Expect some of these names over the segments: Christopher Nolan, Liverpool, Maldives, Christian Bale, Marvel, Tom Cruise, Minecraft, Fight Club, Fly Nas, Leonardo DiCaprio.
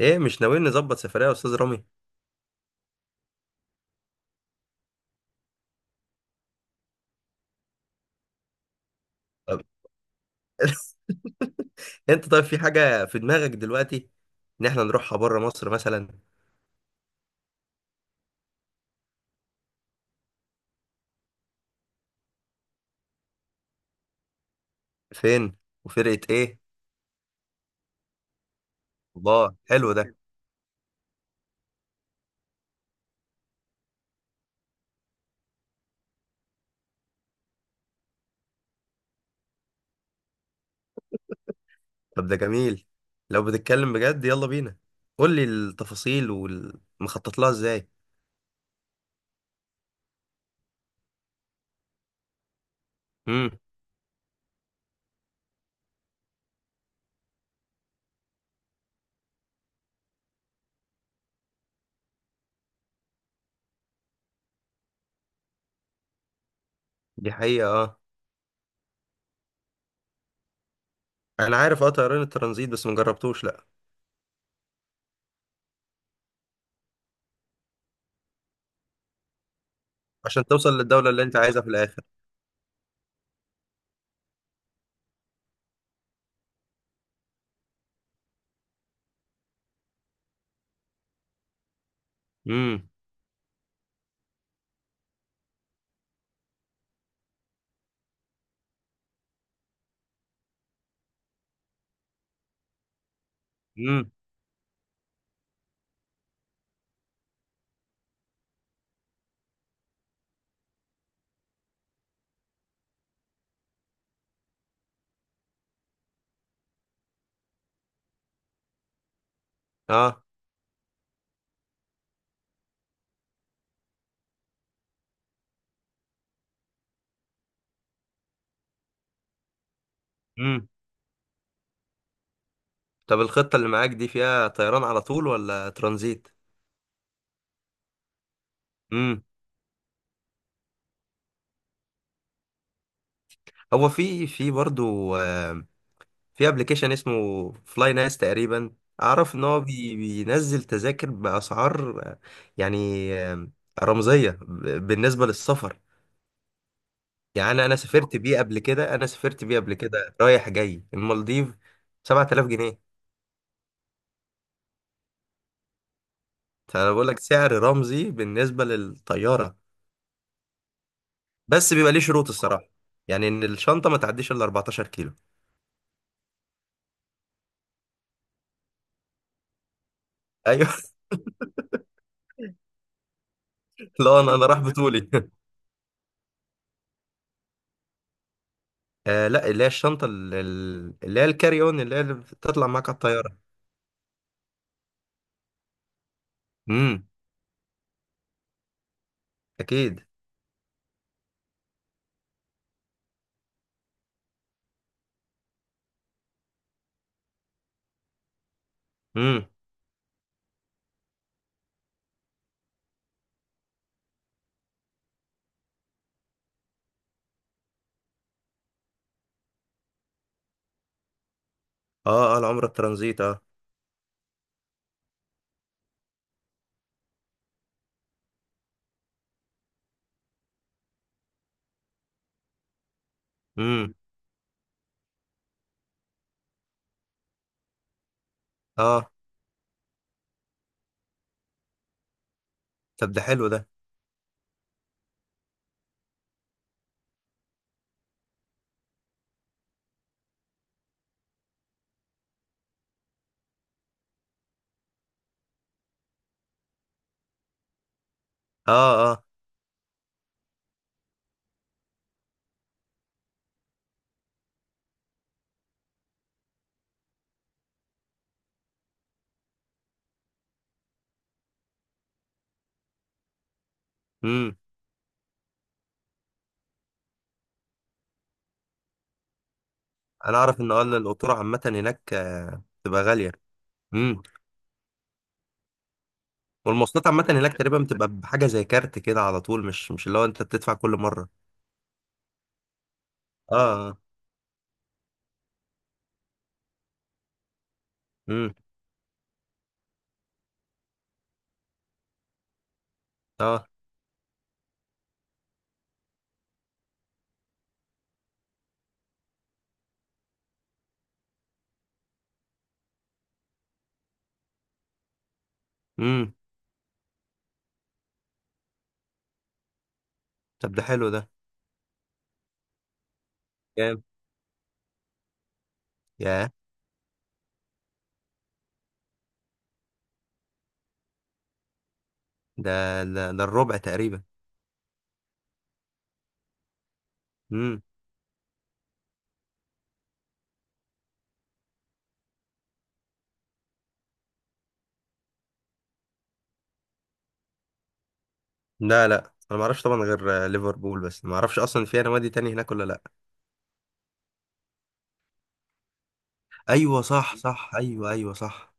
ايه، مش ناويين نظبط سفرية يا استاذ رامي؟ طب. انت طيب، في حاجة في دماغك دلوقتي ان احنا نروحها بره مصر مثلا؟ فين؟ وفرقة ايه؟ الله، حلو ده. طب ده جميل، لو بتتكلم بجد يلا بينا، قول لي التفاصيل والمخطط لها ازاي. امم. دي حقيقة، اه. انا عارف، اه، طيران الترانزيت، بس ما جربتوش، لا. عشان توصل للدولة اللي انت عايزها في الاخر. امم، امم، اه، امم. طب، الخطة اللي معاك دي فيها طيران على طول ولا ترانزيت؟ هو في برضه، آه، في ابلكيشن اسمه فلاي ناس تقريبا. اعرف ان هو بينزل تذاكر باسعار، يعني، رمزيه بالنسبه للسفر. يعني انا سافرت بيه قبل كده رايح جاي المالديف 7000 جنيه. فانا بقول لك سعر رمزي بالنسبه للطياره. بس بيبقى ليه شروط الصراحه، يعني ان الشنطه ما تعديش الا 14 كيلو. ايوه. لا، انا راح بطولي. لا، اللي هي الشنطة، اللي هي الكاري اون، اللي هي اللي بتطلع معاك على الطيارة. امم. اكيد. امم، اه، اه. العمرة الترانزيت، اه. امم. اه. طب، ده حلو ده. اه، اه. امم. انا اعرف ان اه إن القطورة عامة هناك، بتبقى غالية. امم. والمواصلات عامة هناك تقريبا بتبقى بحاجة زي كارت كده على طول، مش اللي هو انت بتدفع كل مرة. اه، اه. امم. اه. امم. طب، ده حلو ده. كام؟ ياه! ده ده الربع تقريبا. لا، لا، انا ما اعرفش طبعا، غير ليفربول، بس ما اعرفش اصلا فيها نوادي تاني هناك ولا لا. ايوه، صح، صح، ايوه، ايوه، صح.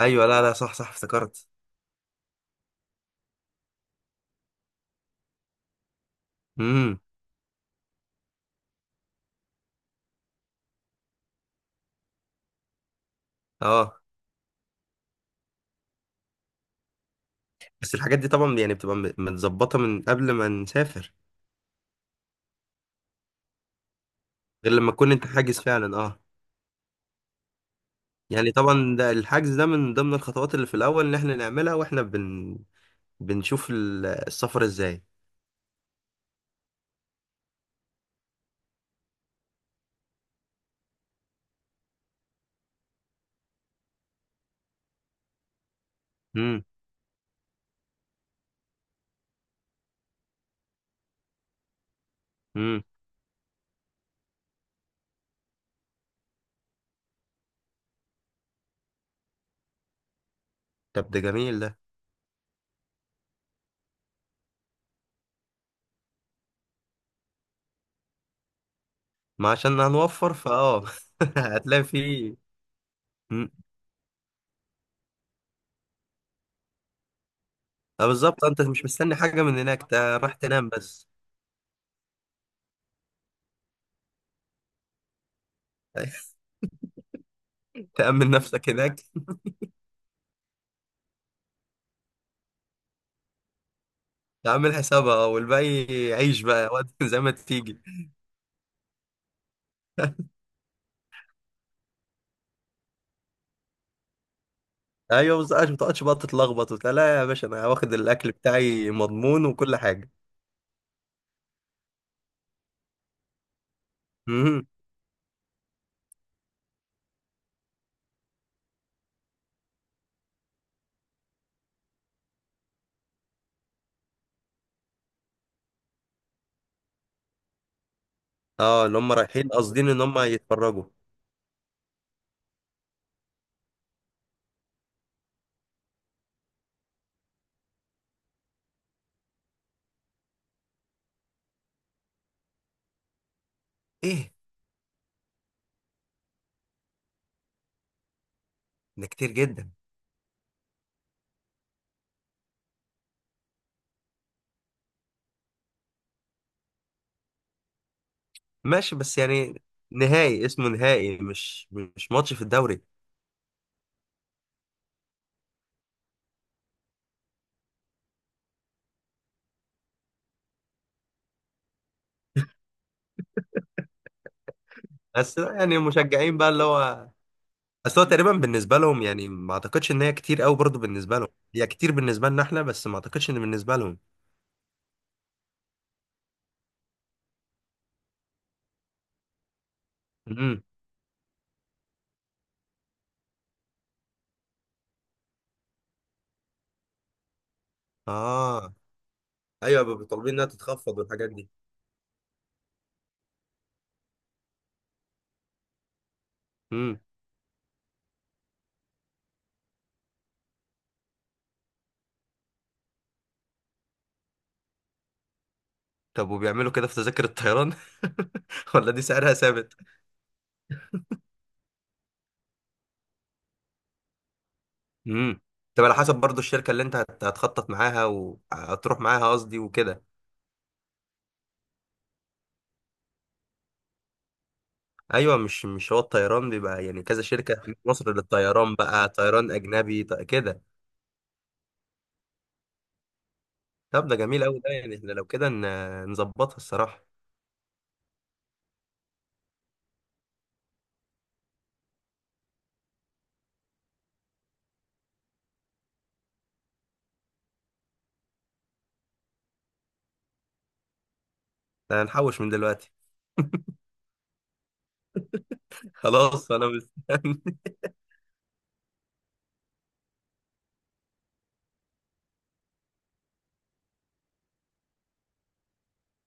ايوه، لا، لا، صح، صح، افتكرت. امم. اه. بس الحاجات دي طبعا يعني بتبقى متظبطه من قبل ما نسافر. غير لما تكون انت حاجز فعلا، اه. يعني طبعا ده الحجز ده من ضمن الخطوات اللي في الاول ان احنا نعملها، واحنا بنشوف السفر ازاي. امم. امم. طب، ده جميل ده. ما عشان هنوفر فاه. هتلاقي فيه. اه، بالظبط انت مش مستني حاجه من هناك، انت راح تنام بس. تأمن نفسك هناك. تعمل حسابها والباقي. عيش بقى وقت زي ما تيجي. ايوه، بس عشان ما تقعدش بقى تتلخبط وبتاع، لا يا باشا، انا واخد الاكل بتاعي مضمون وكل حاجه. امم. اه. اللي هم رايحين قاصدين ان هم يتفرجوا. ايه؟ ده كتير جدا. ماشي، بس يعني نهائي اسمه نهائي، مش ماتش في الدوري. بس يعني المشجعين بقى، اللي هو اصل هو تقريبا بالنسبه لهم، يعني ما اعتقدش ان هي كتير قوي برضه بالنسبه لهم. هي كتير بالنسبه لنا احنا، بس ما اعتقدش ان بالنسبه لهم. امم. اه. ايوه، بيبقوا طالبين انها تتخفض والحاجات دي. امم. طب، وبيعملوا كده في تذاكر الطيران؟ ولا دي سعرها ثابت؟ امم. طب، على حسب برضه الشركه اللي انت هتخطط معاها وهتروح معاها، قصدي وكده. ايوه، مش هو الطيران بيبقى يعني كذا شركه، في مصر للطيران بقى طيران اجنبي، كده. طب، ده جميل قوي ده، يعني احنا لو كده نظبطها الصراحه. ده هنحوش من دلوقتي. خلاص، انا مستني.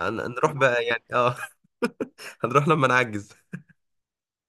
هنروح بقى، يعني اه. هنروح لما نعجز.